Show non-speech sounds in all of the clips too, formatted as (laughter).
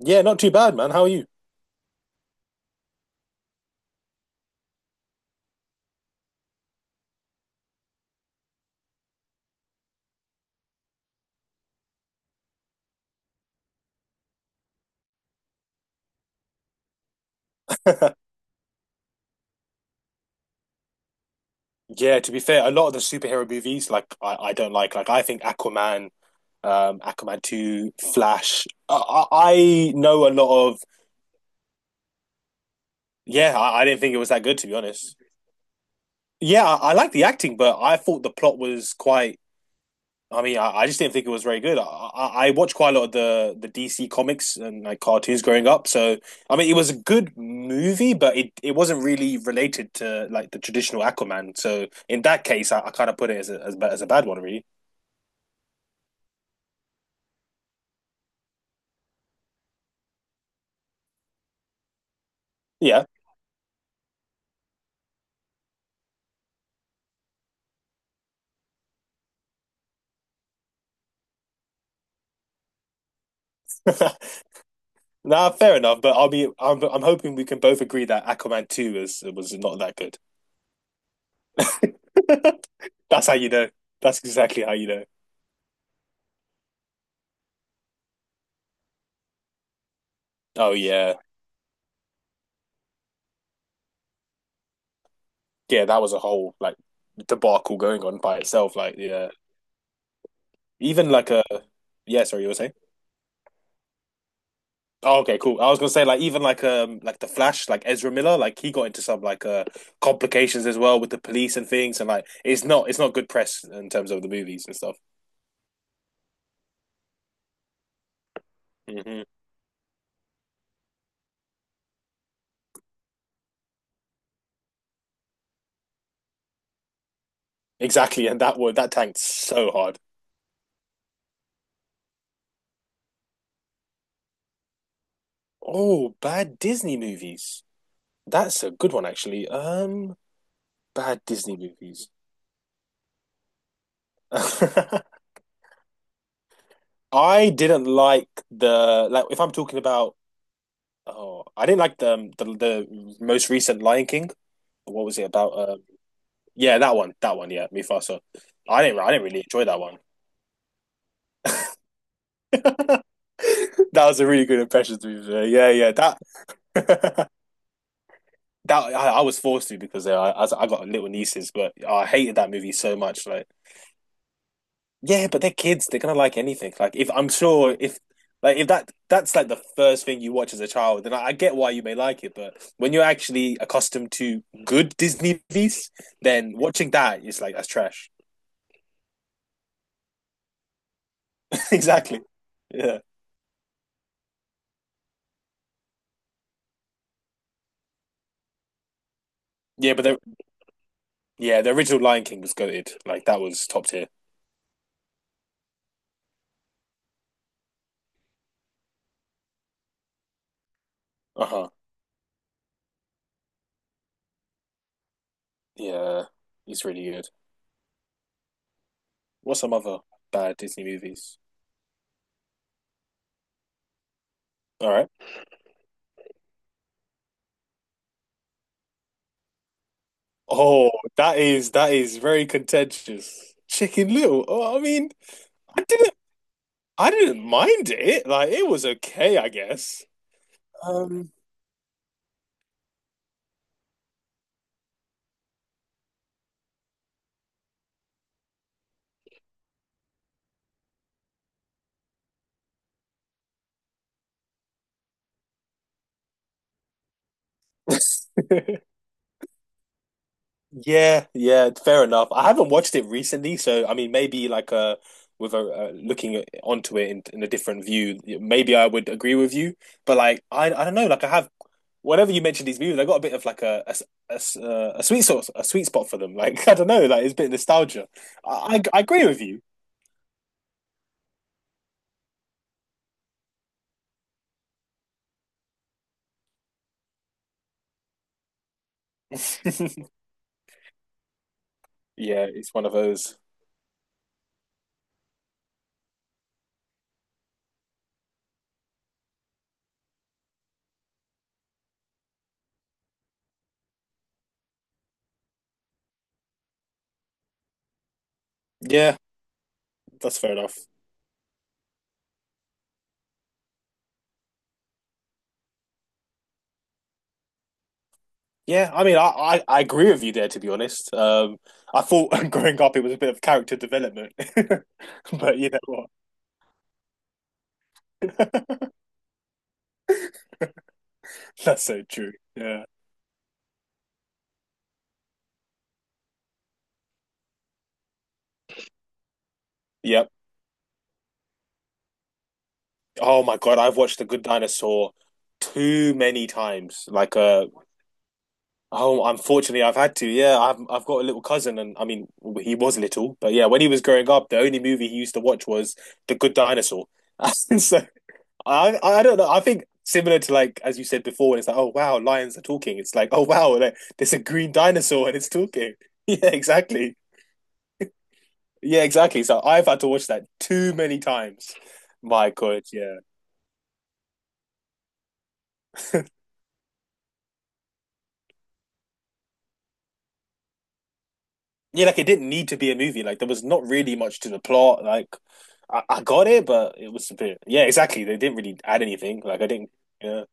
Yeah, not too bad, man. How are you? (laughs) Yeah, to be fair, a lot of the superhero movies, like I don't like. Like I think Aquaman, Aquaman 2, Flash. I know a lot of. Yeah, I didn't think it was that good, to be honest. Yeah, I like the acting, but I thought the plot was quite. I mean, I just didn't think it was very good. I watched quite a lot of the DC comics and like cartoons growing up. So I mean, it was a good movie, but it wasn't really related to like the traditional Aquaman. So in that case, I kind of put it as as a bad one, really. Yeah, (laughs) nah, fair enough. But I'll be I'm hoping we can both agree that Aquaman 2 was not that good. (laughs) That's how you know. That's exactly how you know. Oh yeah, yeah. That was a whole like debacle going on by itself. Like yeah. Even like a, yeah, sorry, you were saying? Oh, okay, cool. I was gonna say like even like the Flash, like Ezra Miller, like he got into some like complications as well with the police and things. And like it's not good press in terms of the movies and stuff. Hmm. Exactly, and that one that tanked so hard. Oh, bad Disney movies. That's a good one actually. Bad Disney movies. (laughs) I didn't like the, like if I'm talking about, oh, I didn't like the, the most recent Lion King. What was it about? Yeah, that one, yeah, Mufasa. I didn't really enjoy that one. (laughs) That was a really good impression to me. Yeah, yeah, that (laughs) that I was forced to because I got little nieces, but I hated that movie so much. Like, yeah, but they're kids; they're gonna like anything. Like, if I'm sure if like if that's like the first thing you watch as a child, then I get why you may like it. But when you're actually accustomed to good Disney movies, then watching that is like that's trash. (laughs) Exactly. Yeah. Yeah, but they Yeah, the original Lion King was goated. Like that was top tier. Uh huh. Yeah, he's really good. What's some other bad Disney movies? All right. Oh, that is very contentious. Chicken Little. Oh, I mean, I didn't I didn't mind it. Like it was okay, I guess. Um, (laughs) yeah, yeah, fair enough. I haven't watched it recently. So I mean, maybe like with a looking onto it in a different view, maybe I would agree with you. But like, I don't know. Like, I have whenever you mention these movies, I got a bit of like a a sweet spot for them. Like (laughs) I don't know, like it's a bit of nostalgia. I agree with you. (laughs) Yeah, it's one of those. Yeah, that's fair enough. Yeah, I mean, I agree with you there, to be honest. I thought (laughs) growing up it was a bit of character development, (laughs) but you know what? (laughs) That's so true. Yeah. Yep. Oh my God, I've watched The Good Dinosaur too many times. Like, oh, unfortunately, I've had to. Yeah, I've got a little cousin. And I mean, he was little, but yeah, when he was growing up, the only movie he used to watch was The Good Dinosaur. (laughs) And so I don't know. I think similar to like as you said before, when it's like, oh wow, lions are talking. It's like, oh wow, like, there's a green dinosaur and it's talking. (laughs) Yeah, exactly. Yeah, exactly. So I've had to watch that too many times. My God, yeah. Yeah, like it didn't need to be a movie. Like there was not really much to the plot. Like I got it, but it was a bit. Yeah, exactly. They didn't really add anything. Like I didn't. Yeah,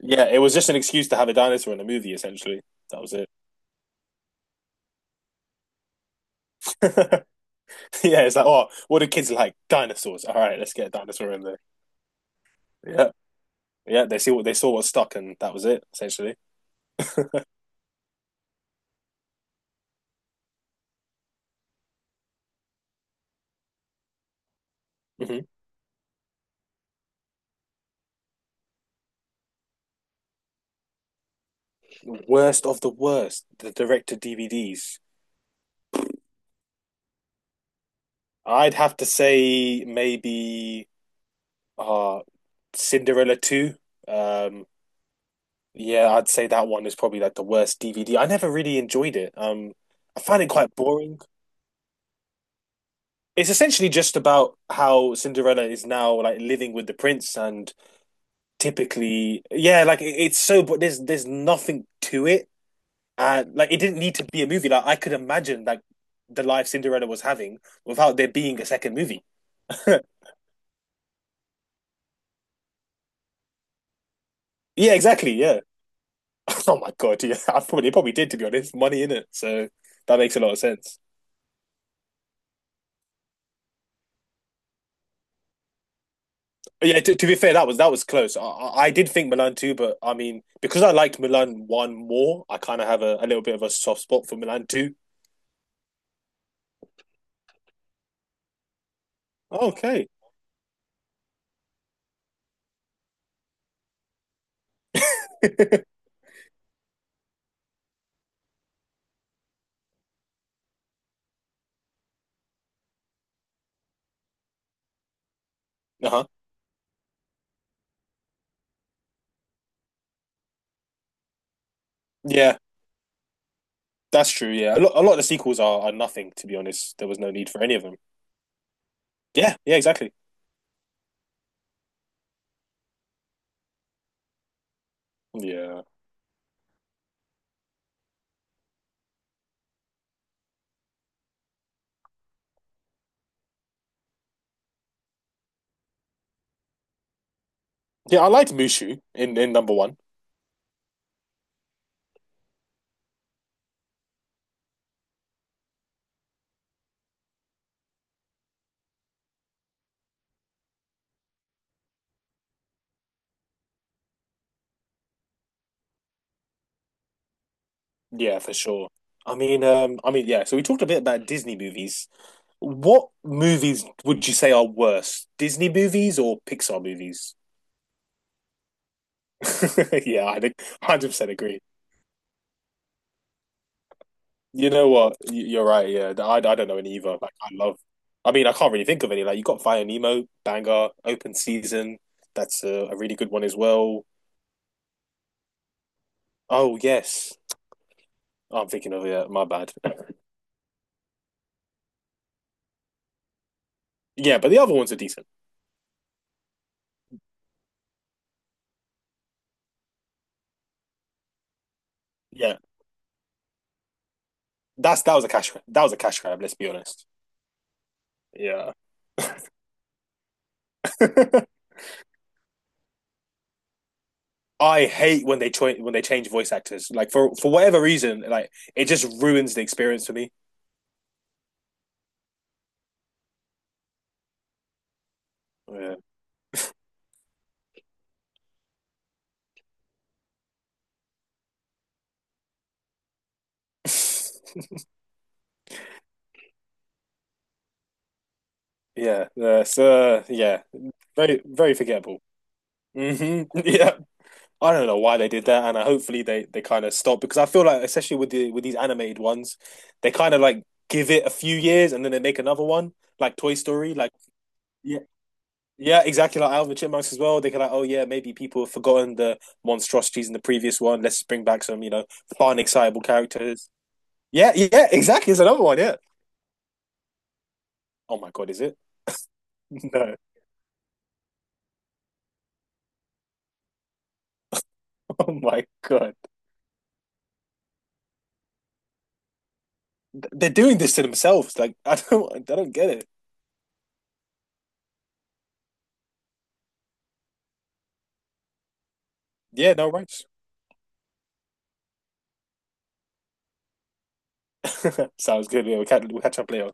yeah. It was just an excuse to have a dinosaur in a movie. Essentially, that was it. (laughs) Yeah, it's like, oh, what do kids like? Dinosaurs. All right, let's get a dinosaur in there. Yeah, yeah. They saw what stuck, and that was it. Essentially, hmm worst of the worst. The director DVDs. I'd have to say maybe uh Cinderella 2. Um, Yeah, I'd say that one is probably like the worst DVD. I never really enjoyed it. I find it quite boring. It's essentially just about how Cinderella is now like living with the prince. And typically, yeah, like it's so, but there's nothing to it. And like it didn't need to be a movie. Like I could imagine like the life Cinderella was having without there being a second movie. (laughs) Yeah, exactly. Yeah. (laughs) Oh my God. Yeah, (laughs) I probably it probably did, to be honest. Money in it, so that makes a lot of sense. Yeah, to be fair, that was close. I did think Milan too, but I mean, because I liked Milan one more, I kind of have a little bit of a soft spot for Milan too. Okay. Uh-huh. Yeah, that's true. Yeah, a lot of the sequels are nothing. To be honest, there was no need for any of them. Yeah, yeah, exactly. Yeah, yeah, I liked Mushu in number one. Yeah, for sure. I mean, yeah. So we talked a bit about Disney movies. What movies would you say are worse, Disney movies or Pixar movies? (laughs) Yeah, I 100% agree. You know what? You're right. Yeah, I don't know any either. Like I love. I mean, I can't really think of any. Like you got Fire Nemo, Banger, Open Season. That's a really good one as well. Oh yes. Oh, I'm thinking of it. My bad. (laughs) Yeah, but the other ones are decent. Yeah, that's that was a cash. That was a cash grab. Let's be honest. Yeah. (laughs) I hate when they when they change voice actors. Like for whatever reason, like it just ruins the experience for me. Yeah. (laughs) Yeah. So yeah, very very forgettable. Hmm. (laughs) Yeah, I don't know why they did that. And hopefully they kind of stop, because I feel like, especially with the with these animated ones, they kind of like give it a few years and then they make another one, like Toy Story, like yeah, yeah, exactly like Alvin and the Chipmunks as well. They can like, oh yeah, maybe people have forgotten the monstrosities in the previous one. Let's bring back some, fun, excitable characters. Yeah, yeah, exactly. It's another one. Yeah. Oh my God, is it? (laughs) No. Oh my God, they're doing this to themselves. Like (laughs) I don't get it. Yeah, no, right. (laughs) Sounds good. Yeah, we'll catch up later.